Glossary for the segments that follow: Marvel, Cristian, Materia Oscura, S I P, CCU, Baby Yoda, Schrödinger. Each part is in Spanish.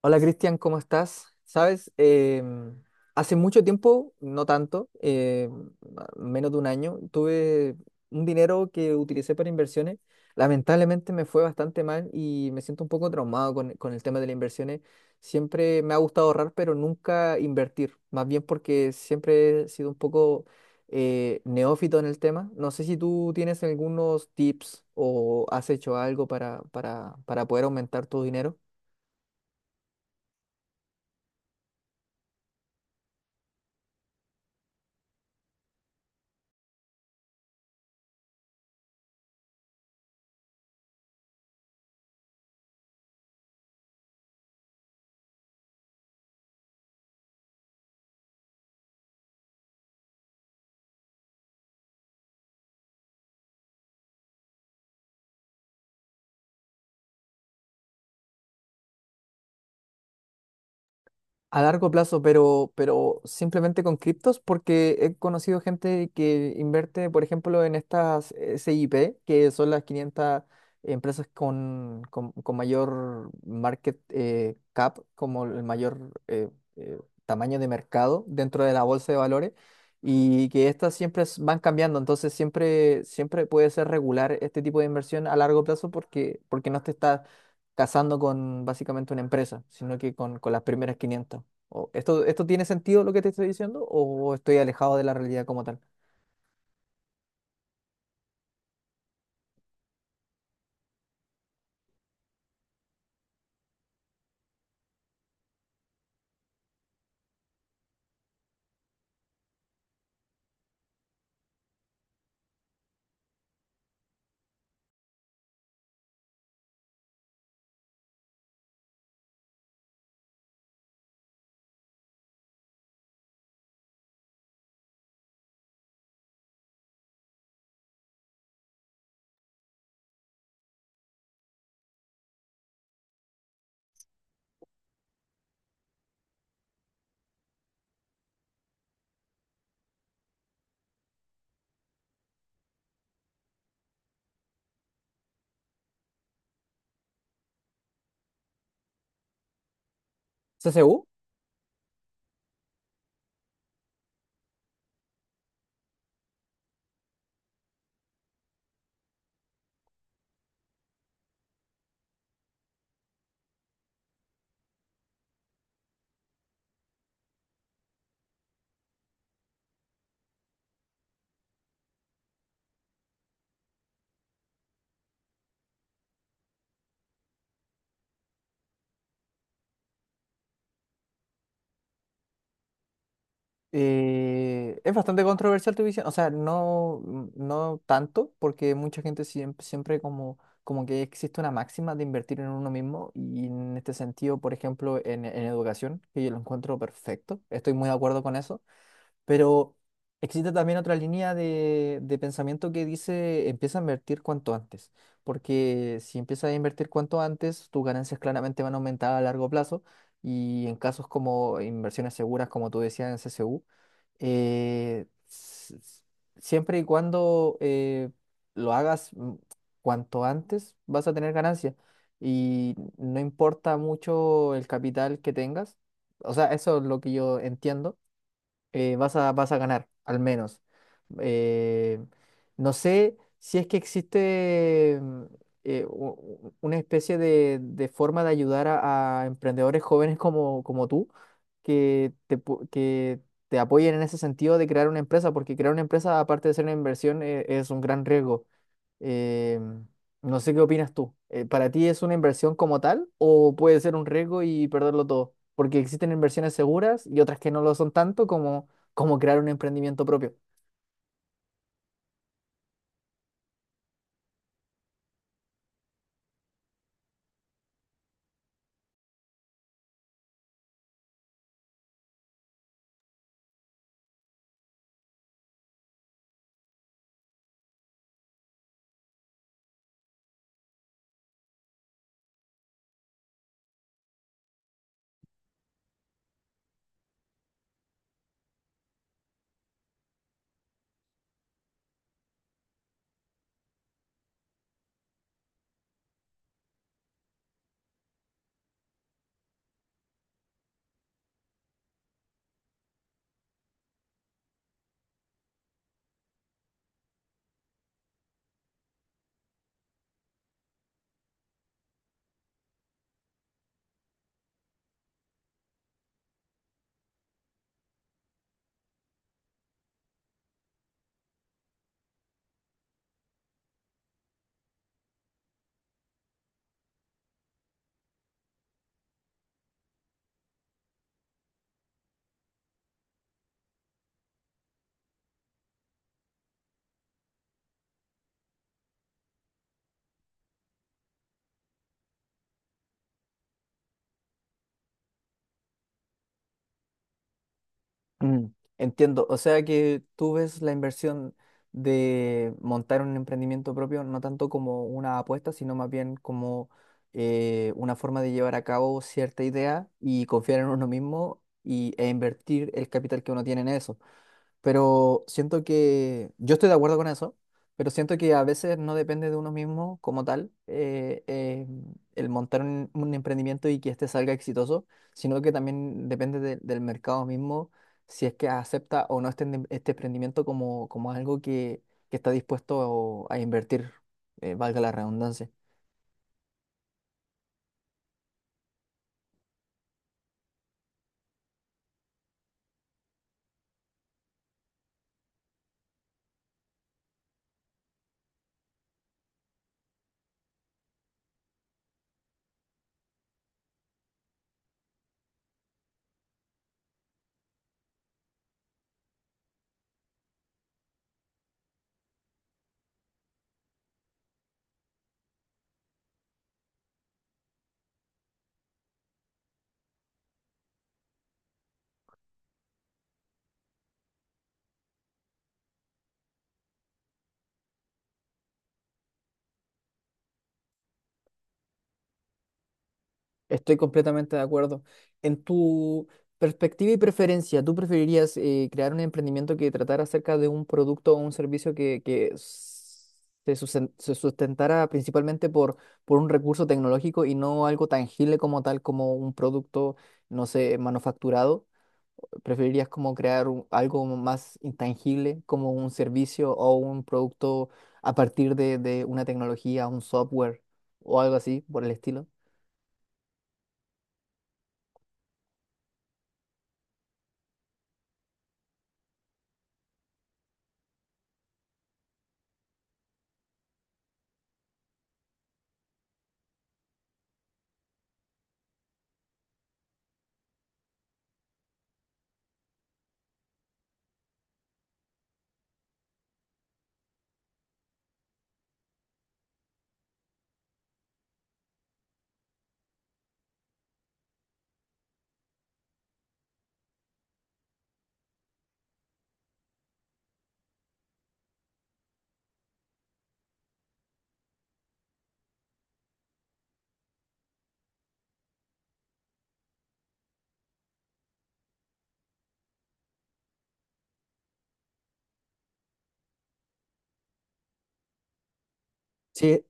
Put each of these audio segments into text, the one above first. Hola Cristian, ¿cómo estás? Sabes, hace mucho tiempo, no tanto, menos de un año, tuve un dinero que utilicé para inversiones. Lamentablemente me fue bastante mal y me siento un poco traumado con el tema de las inversiones. Siempre me ha gustado ahorrar, pero nunca invertir, más bien porque siempre he sido un poco neófito en el tema. No sé si tú tienes algunos tips o has hecho algo para poder aumentar tu dinero. A largo plazo, pero simplemente con criptos, porque he conocido gente que invierte, por ejemplo, en estas S I P que son las 500 empresas con mayor market cap, como el mayor eh, tamaño de mercado dentro de la bolsa de valores, y que estas siempre van cambiando, entonces siempre, siempre puede ser regular este tipo de inversión a largo plazo porque no te estás casando con básicamente una empresa, sino que con las primeras 500. ¿Esto, esto tiene sentido lo que te estoy diciendo o estoy alejado de la realidad como tal? CCU. Es bastante controversial tu visión, o sea, no, mm, no tanto, porque mucha gente siempre, siempre como, como que existe una máxima de invertir en uno mismo y en este sentido, por ejemplo, en educación, que yo lo encuentro perfecto, estoy muy de acuerdo con eso. Pero existe también otra línea de pensamiento que dice empieza a invertir cuanto antes, porque si empiezas a invertir cuanto antes, tus ganancias claramente van a aumentar a largo plazo y en casos como inversiones seguras, como tú decías en CCU, eh, s- s- siempre y cuando lo hagas cuanto antes, vas a tener ganancias y no importa mucho el capital que tengas, o sea, eso es lo que yo entiendo. Vas a, vas a ganar, al menos. Eh, no sé si es que existe una especie de forma de ayudar a emprendedores jóvenes como, como tú, que te, que te apoyen en ese sentido de crear una empresa, porque crear una empresa, aparte de ser una inversión, es un gran riesgo. Eh, no sé qué opinas tú. ¿Para ti es una inversión como tal o puede ser un riesgo y perderlo todo? Porque existen inversiones seguras y otras que no lo son tanto como, como crear un emprendimiento propio. Mm, entiendo. O sea que tú ves la inversión de montar un emprendimiento propio no tanto como una apuesta, sino más bien como una forma de llevar a cabo cierta idea y confiar en uno mismo y, e invertir el capital que uno tiene en eso. Pero siento que yo estoy de acuerdo con eso, pero siento que a veces no depende de uno mismo como tal el montar un emprendimiento y que este salga exitoso, sino que también depende del mercado mismo si es que acepta o no este, este emprendimiento como, como algo que está dispuesto a invertir, valga la redundancia. Estoy completamente de acuerdo. En tu perspectiva y preferencia, ¿tú preferirías crear un emprendimiento que tratara acerca de un producto o un servicio que se sustentara principalmente por un recurso tecnológico y no algo tangible como tal, como un producto, no sé, ¿manufacturado? ¿Preferirías como crear algo más intangible, como un servicio o un producto a partir de una tecnología, un software o algo así por el estilo? Sí,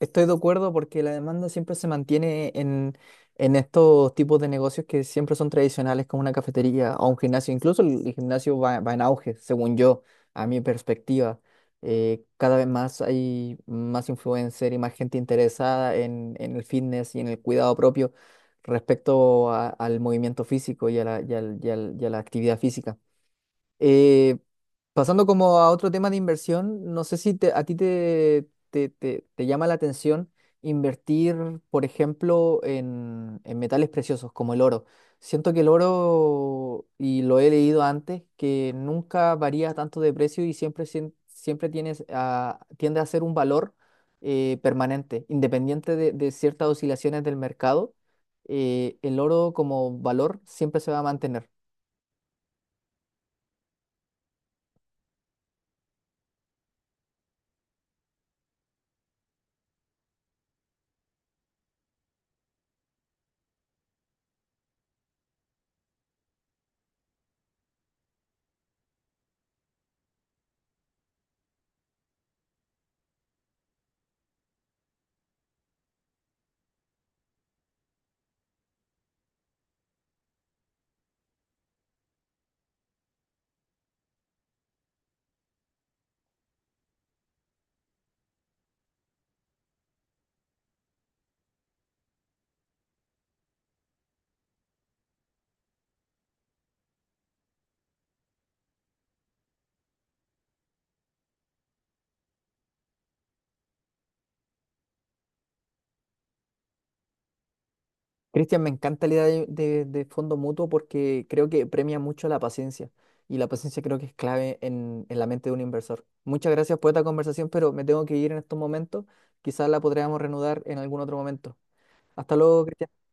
estoy de acuerdo porque la demanda siempre se mantiene en estos tipos de negocios que siempre son tradicionales, como una cafetería o un gimnasio. Incluso el gimnasio va, va en auge, según yo, a mi perspectiva. Cada vez más hay más influencer y más gente interesada en el fitness y en el cuidado propio respecto al movimiento físico y a la, y a la actividad física. Eh, Pasando como a otro tema de inversión, no sé si a ti te llama la atención invertir, por ejemplo, en metales preciosos como el oro. Siento que el oro, y lo he leído antes, que nunca varía tanto de precio y siempre, siempre tienes tiende a ser un valor permanente, independiente de ciertas oscilaciones del mercado. El oro como valor siempre se va a mantener. Cristian, me encanta la idea de, de fondo mutuo porque creo que premia mucho la paciencia y la paciencia creo que es clave en la mente de un inversor. Muchas gracias por esta conversación, pero me tengo que ir en estos momentos. Quizás la podríamos reanudar en algún otro momento. Hasta luego, Cristian.